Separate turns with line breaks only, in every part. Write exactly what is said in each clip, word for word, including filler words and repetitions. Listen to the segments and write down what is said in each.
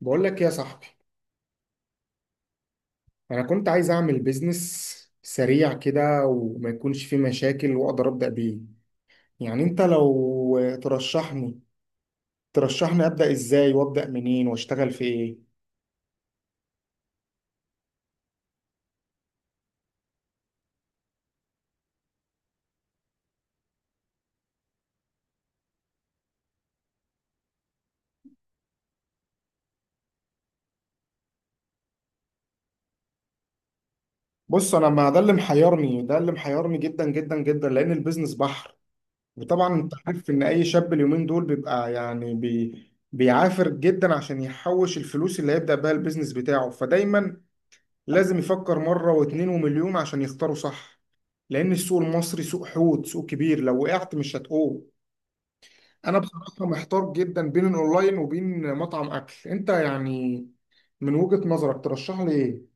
بقول لك إيه يا صاحبي. انا كنت عايز اعمل بيزنس سريع كده وما يكونش فيه مشاكل واقدر ابدا بيه. يعني انت لو ترشحني ترشحني ابدا ازاي وابدا منين واشتغل في ايه؟ بص، انا ما ده اللي محيرني ده اللي محيرني جدا جدا جدا، لان البيزنس بحر. وطبعا انت عارف ان اي شاب اليومين دول بيبقى يعني بي بيعافر جدا عشان يحوش الفلوس اللي هيبدا بيها البيزنس بتاعه. فدايما لازم يفكر مرة واتنين ومليون عشان يختاروا صح. لأن السوق المصري سوق حوت، سوق كبير، لو وقعت مش هتقوم. أنا بصراحة محتار جدا بين الأونلاين وبين مطعم أكل، أنت يعني من وجهة نظرك ترشح لي إيه؟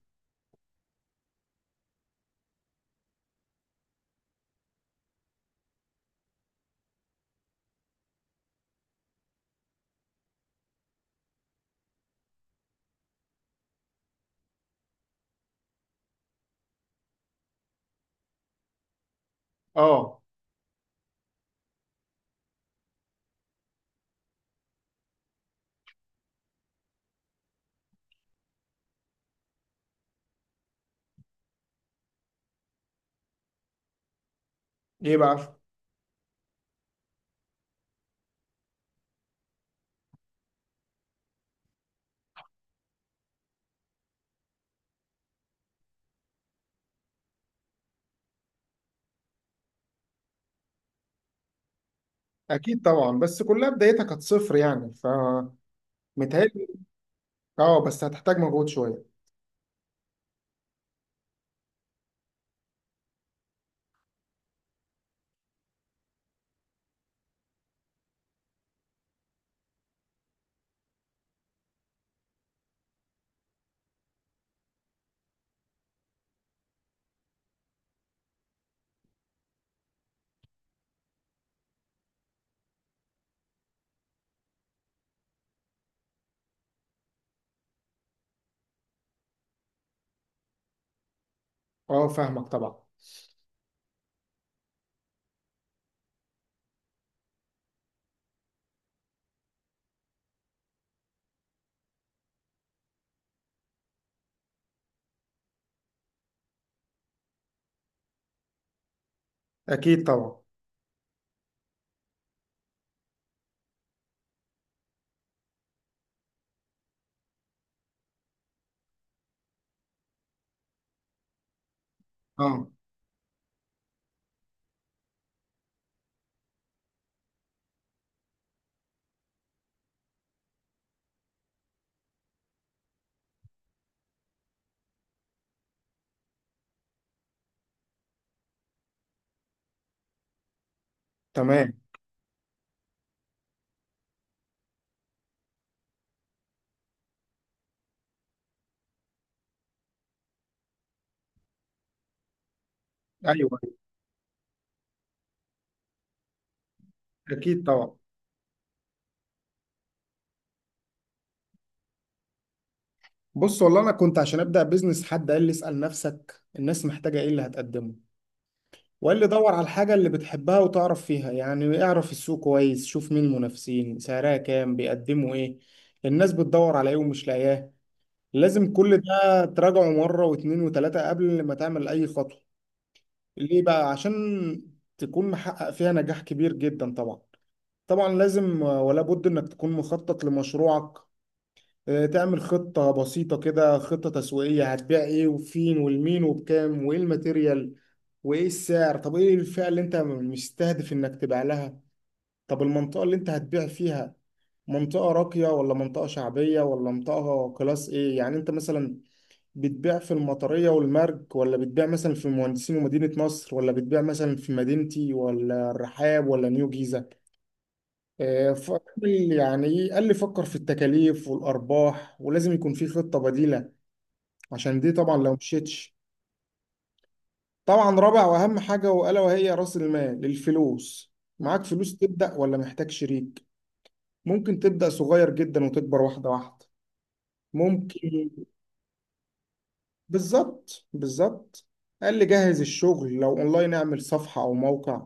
آه. إيه بقى؟ أكيد طبعا، بس كلها بدايتها كانت صفر يعني فمتهيألي. آه، بس هتحتاج مجهود شوية. آه، فاهمك طبعا. أكيد طبعا. آه. تمام. أيوه أيوه. أكيد طبعا. بص والله انا كنت عشان ابدا بيزنس حد قال لي اسال نفسك الناس محتاجه ايه اللي هتقدمه، وقال لي دور على الحاجه اللي بتحبها وتعرف فيها، يعني اعرف السوق كويس، شوف مين المنافسين، سعرها كام، بيقدموا ايه، الناس بتدور على ايه ومش لاقياه. لازم كل ده تراجعه مره واتنين وتلاته قبل ما تعمل اي خطوه. ليه بقى؟ عشان تكون محقق فيها نجاح كبير جدا طبعا. طبعا لازم ولا بد انك تكون مخطط لمشروعك. آه، تعمل خطة بسيطة كده، خطة تسويقية، هتبيع ايه وفين والمين وبكام وايه الماتيريال وايه السعر. طب ايه الفئة اللي انت مستهدف انك تبيع لها؟ طب المنطقة اللي انت هتبيع فيها، منطقة راقية ولا منطقة شعبية ولا منطقة كلاس ايه؟ يعني انت مثلا بتبيع في المطرية والمرج ولا بتبيع مثلا في المهندسين ومدينة نصر ولا بتبيع مثلا في مدينتي ولا الرحاب ولا نيو جيزة. آه، ف- يعني ايه قال لي فكر في التكاليف والأرباح، ولازم يكون في خطة بديلة عشان دي طبعا لو مشيتش. طبعا رابع واهم حاجه، والا وهي راس المال، الفلوس. معاك فلوس تبدا ولا محتاج شريك؟ ممكن تبدا صغير جدا وتكبر واحده واحده. ممكن. بالظبط بالظبط. قال لي جهز الشغل، لو اونلاين اعمل صفحه او موقع،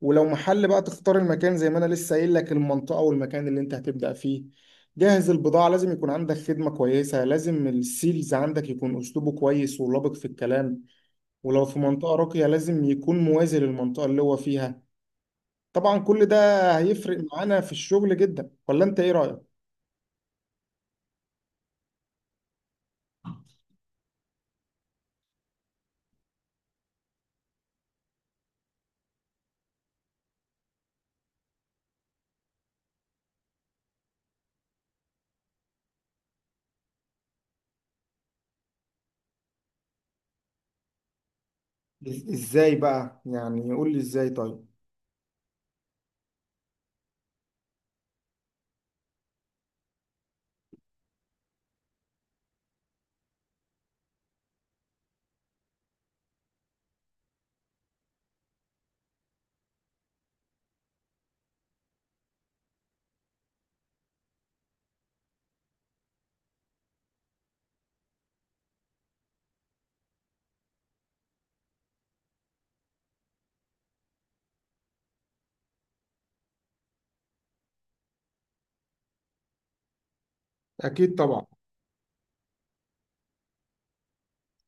ولو محل بقى تختار المكان زي ما انا لسه قايل لك، المنطقه والمكان اللي انت هتبدا فيه. جهز البضاعة. لازم يكون عندك خدمة كويسة. لازم السيلز عندك يكون أسلوبه كويس ولبق في الكلام، ولو في منطقة راقية لازم يكون موازي للمنطقة اللي هو فيها. طبعا كل ده هيفرق معانا في الشغل جدا، ولا انت ايه رأيك؟ إز- ازاي بقى يعني؟ قول لي ازاي طيب. أكيد طبعا.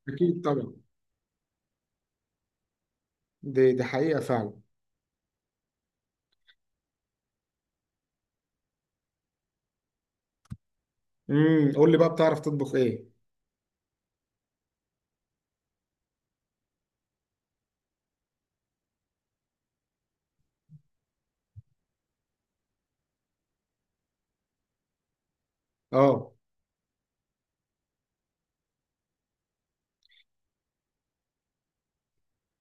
أكيد طبعا. دي دي حقيقة فعلا. امم، قول لي بقى، بتعرف تطبخ إيه؟ أه.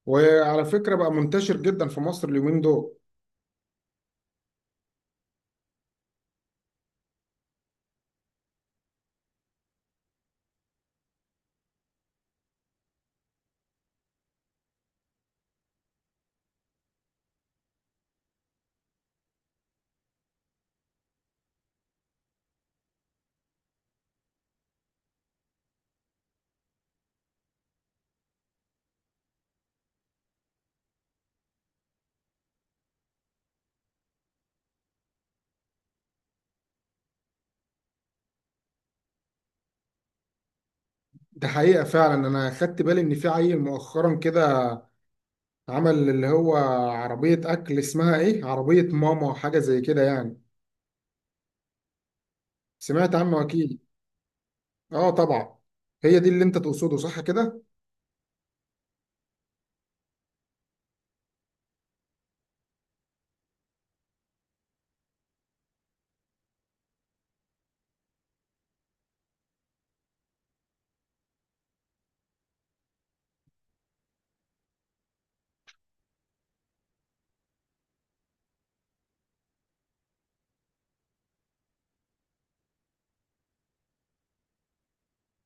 وعلى فكرة بقى منتشر جدا في مصر اليومين دول. ده حقيقة فعلا. أنا خدت بالي إن في عيل مؤخرا كده عمل اللي هو عربية أكل، اسمها إيه؟ عربية ماما، حاجة زي كده يعني. سمعت عنه أكيد. اه طبعا. هي دي اللي انت تقصده، صح كده؟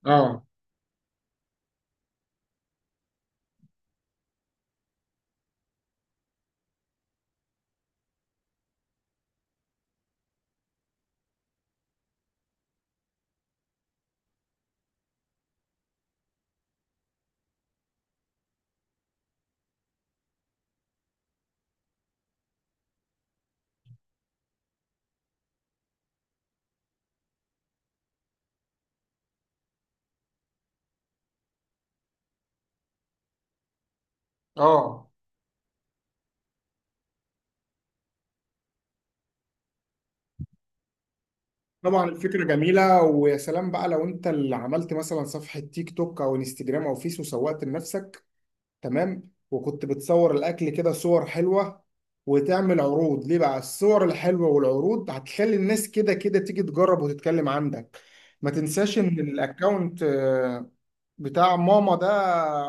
اه اه. طبعا الفكرة جميلة، ويا سلام بقى لو انت اللي عملت مثلا صفحة تيك توك او انستجرام او فيس وسوقت لنفسك. تمام. وكنت بتصور الاكل كده صور حلوة وتعمل عروض. ليه بقى؟ الصور الحلوة والعروض هتخلي الناس كده كده تيجي تجرب وتتكلم عندك. ما تنساش ان الاكونت آه، بتاع ماما ده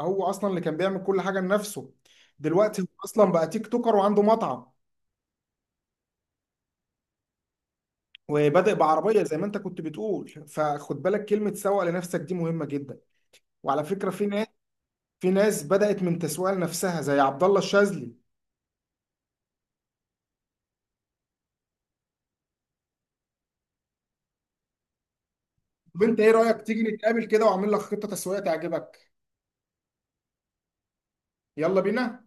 هو اصلا اللي كان بيعمل كل حاجة لنفسه. دلوقتي هو اصلا بقى تيك توكر وعنده مطعم. وبادئ بعربيه زي ما انت كنت بتقول، فخد بالك كلمه سوق لنفسك دي مهمه جدا. وعلى فكره في ناس، في ناس بدات من تسويق لنفسها زي عبد الله الشاذلي. طب انت ايه رايك تيجي نتقابل كده واعمل لك خطه تسويقيه تعجبك؟ يلا بينا.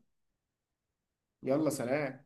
يلا سلام.